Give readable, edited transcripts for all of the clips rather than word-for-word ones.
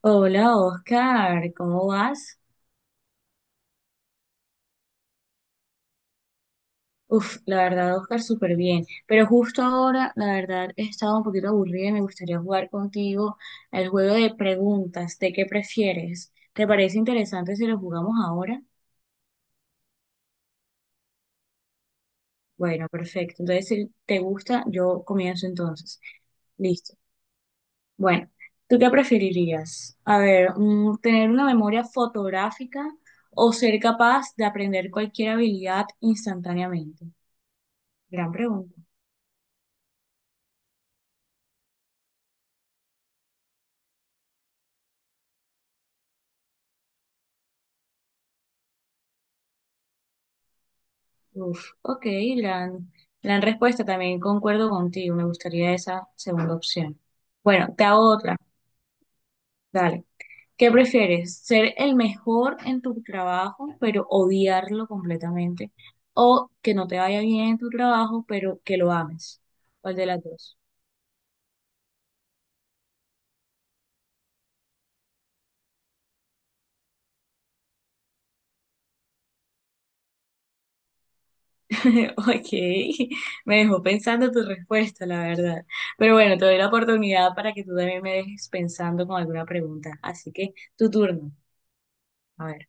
Hola Oscar, ¿cómo vas? Uf, la verdad Oscar, súper bien. Pero justo ahora, la verdad, he estado un poquito aburrida y me gustaría jugar contigo el juego de preguntas, ¿de qué prefieres? ¿Te parece interesante si lo jugamos ahora? Bueno, perfecto. Entonces, si te gusta, yo comienzo entonces. Listo. Bueno, ¿tú qué preferirías? A ver, ¿tener una memoria fotográfica o ser capaz de aprender cualquier habilidad instantáneamente? Gran pregunta. Uf, ok, gran, gran respuesta también, concuerdo contigo, me gustaría esa segunda opción. Bueno, te hago otra, dale. ¿Qué prefieres? ¿Ser el mejor en tu trabajo, pero odiarlo completamente? ¿O que no te vaya bien en tu trabajo, pero que lo ames? ¿Cuál de las dos? Ok, me dejó pensando tu respuesta, la verdad. Pero bueno, te doy la oportunidad para que tú también me dejes pensando con alguna pregunta. Así que tu turno, a ver,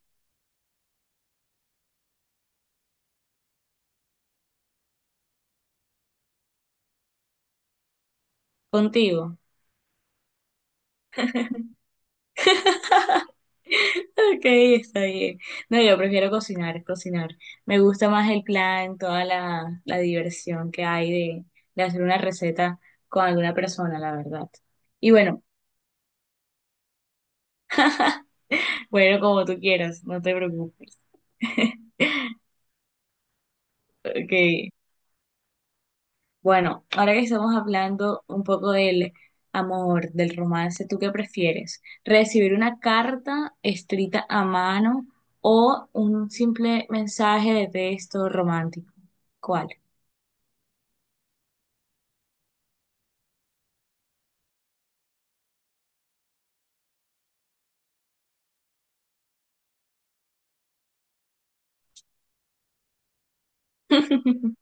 contigo. Ok, está bien. No, yo prefiero cocinar, cocinar. Me gusta más el plan, toda la diversión que hay de hacer una receta con alguna persona, la verdad. Y bueno, bueno, como tú quieras, no te preocupes. Ok, bueno, ahora que estamos hablando un poco del amor, del romance, ¿tú qué prefieres? ¿Recibir una carta escrita a mano o un simple mensaje de texto romántico? ¿Cuál?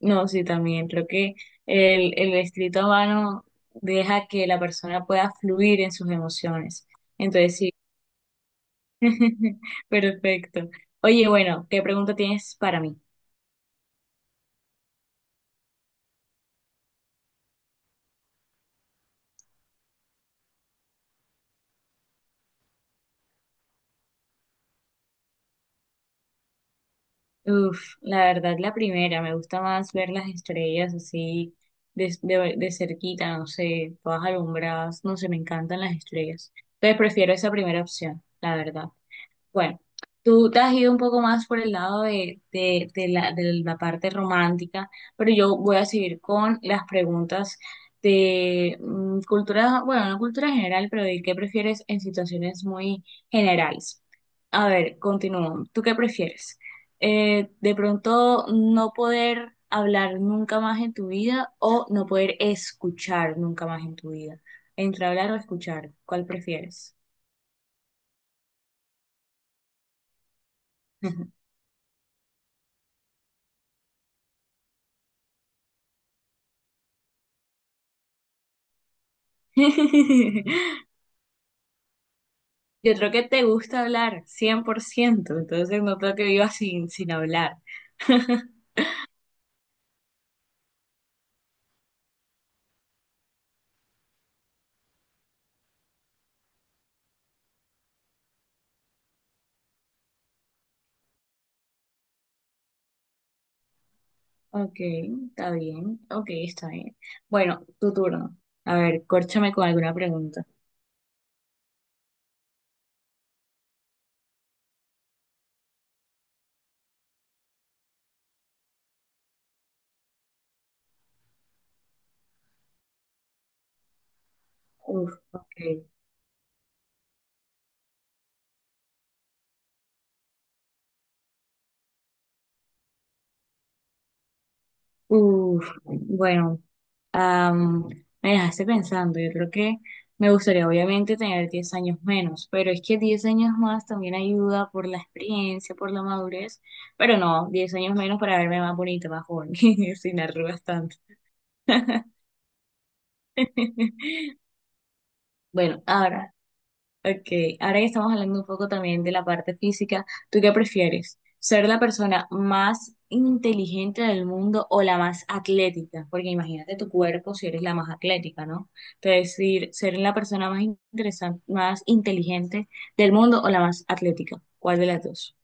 No, sí, también creo que el escrito a mano deja que la persona pueda fluir en sus emociones. Entonces, sí, perfecto. Oye, bueno, ¿qué pregunta tienes para mí? Uf, la verdad, la primera, me gusta más ver las estrellas así de cerquita, no sé, todas alumbradas, no sé, me encantan las estrellas. Entonces, prefiero esa primera opción, la verdad. Bueno, tú te has ido un poco más por el lado de la parte romántica, pero yo voy a seguir con las preguntas de cultura, bueno, no cultura general, pero de qué prefieres en situaciones muy generales. A ver, continúo. ¿Tú qué prefieres? De pronto no poder hablar nunca más en tu vida o no poder escuchar nunca más en tu vida. Entre hablar o escuchar, ¿cuál prefieres? Yo creo que te gusta hablar, 100% entonces no creo que vivas sin hablar. Ok, está bien, ok, está bien. Bueno, tu turno. A ver, córchame con alguna pregunta. Uf, ok. Uf, bueno, am, me dejaste pensando, yo creo que me gustaría obviamente tener 10 años menos, pero es que 10 años más también ayuda por la experiencia, por la madurez, pero no, 10 años menos para verme más bonita, más joven, sin arrugas tanto. Bueno, ahora, ok, ahora que estamos hablando un poco también de la parte física, ¿tú qué prefieres? ¿Ser la persona más inteligente del mundo o la más atlética? Porque imagínate tu cuerpo si eres la más atlética, ¿no? Entonces, decir, ser la persona más interesante, más inteligente del mundo o la más atlética. ¿Cuál de las dos?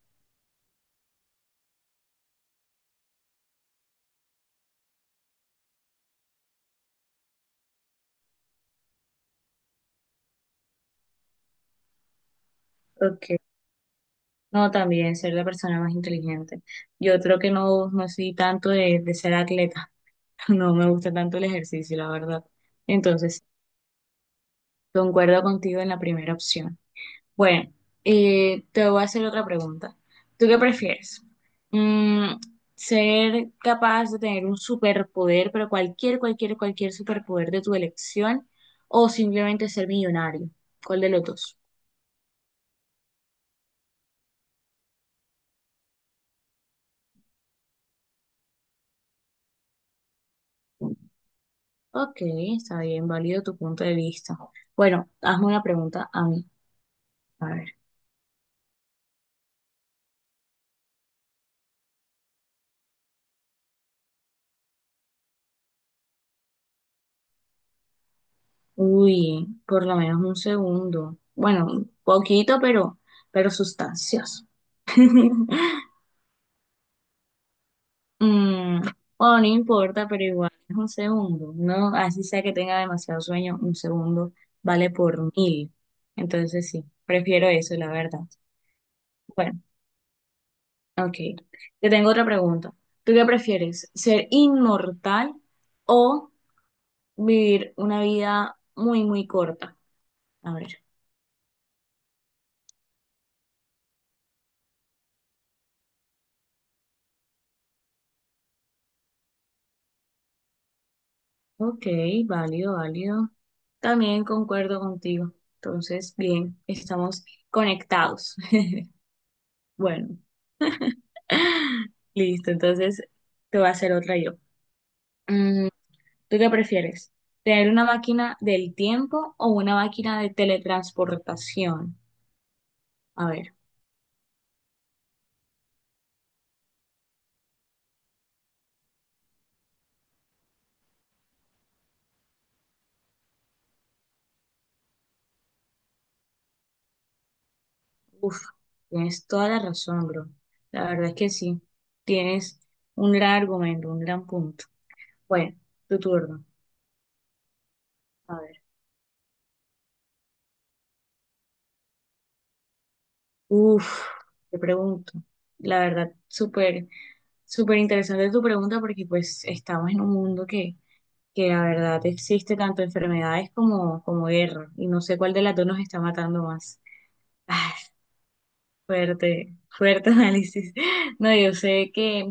Ok. No, también ser la persona más inteligente. Yo creo que no, no soy tanto de ser atleta. No me gusta tanto el ejercicio, la verdad. Entonces. Concuerdo contigo en la primera opción. Bueno, te voy a hacer otra pregunta. ¿Tú qué prefieres? Mm, ¿Ser capaz de tener un superpoder, pero cualquier superpoder de tu elección, o simplemente ser millonario? ¿Cuál de los dos? Ok, está bien, válido tu punto de vista. Bueno, hazme una pregunta a mí. A ver. Uy, por lo menos un segundo. Bueno, un poquito, pero sustancioso. Mm, bueno, no importa, pero igual es un segundo, ¿no? Así sea que tenga demasiado sueño, un segundo vale por mil. Entonces sí, prefiero eso, la verdad. Bueno, ok. Te tengo otra pregunta. ¿Tú qué prefieres? ¿Ser inmortal o vivir una vida muy, muy corta? A ver. Ok, válido, válido. También concuerdo contigo. Entonces, bien, estamos conectados. Bueno. Listo, entonces te voy a hacer otra yo. Mm, ¿Tú qué prefieres? ¿Tener una máquina del tiempo o una máquina de teletransportación? A ver, uff, tienes toda la razón, bro. La verdad es que sí, tienes un gran argumento, un gran punto. Bueno, tu turno. A ver, uff, te pregunto. La verdad, súper, súper interesante tu pregunta porque pues estamos en un mundo que la verdad existe tanto enfermedades como guerra, y no sé cuál de las dos nos está matando más. Ah, fuerte, fuerte análisis. No,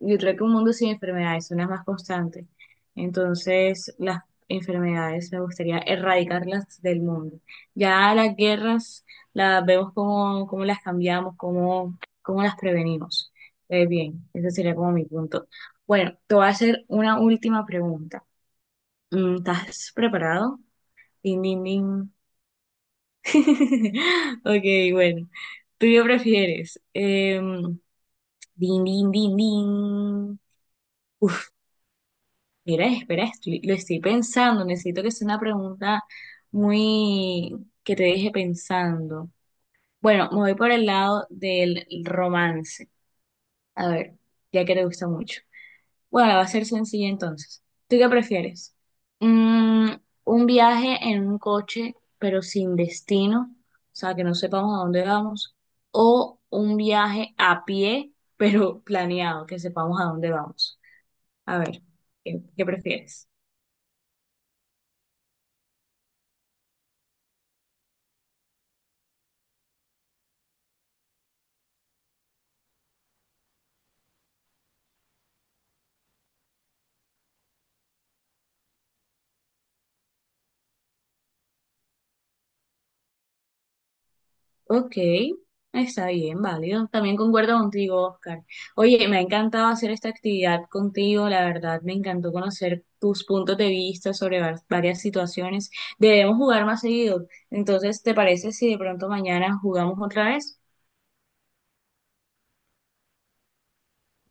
yo creo que un mundo sin enfermedades es una más constante. Entonces, las enfermedades me gustaría erradicarlas del mundo. Ya las guerras las vemos cómo las cambiamos, cómo las prevenimos. Bien, ese sería como mi punto. Bueno, te voy a hacer una última pregunta. ¿Estás preparado? Ding ding ding. Ok, bueno. ¿Tú qué prefieres? Din, din, din, din. Uf, mira, espera, lo estoy pensando. Necesito que sea una pregunta muy que te deje pensando. Bueno, me voy por el lado del romance. A ver, ya que te gusta mucho. Bueno, va a ser sencilla entonces. ¿Tú qué prefieres? Mm, un viaje en un coche, pero sin destino, o sea, que no sepamos a dónde vamos, o un viaje a pie, pero planeado, que sepamos a dónde vamos. A ver, ¿qué prefieres? Ok, está bien, válido. También concuerdo contigo, Oscar. Oye, me ha encantado hacer esta actividad contigo, la verdad, me encantó conocer tus puntos de vista sobre varias situaciones. Debemos jugar más seguido. Entonces, ¿te parece si de pronto mañana jugamos otra vez?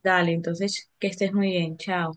Dale, entonces, que estés muy bien, chao.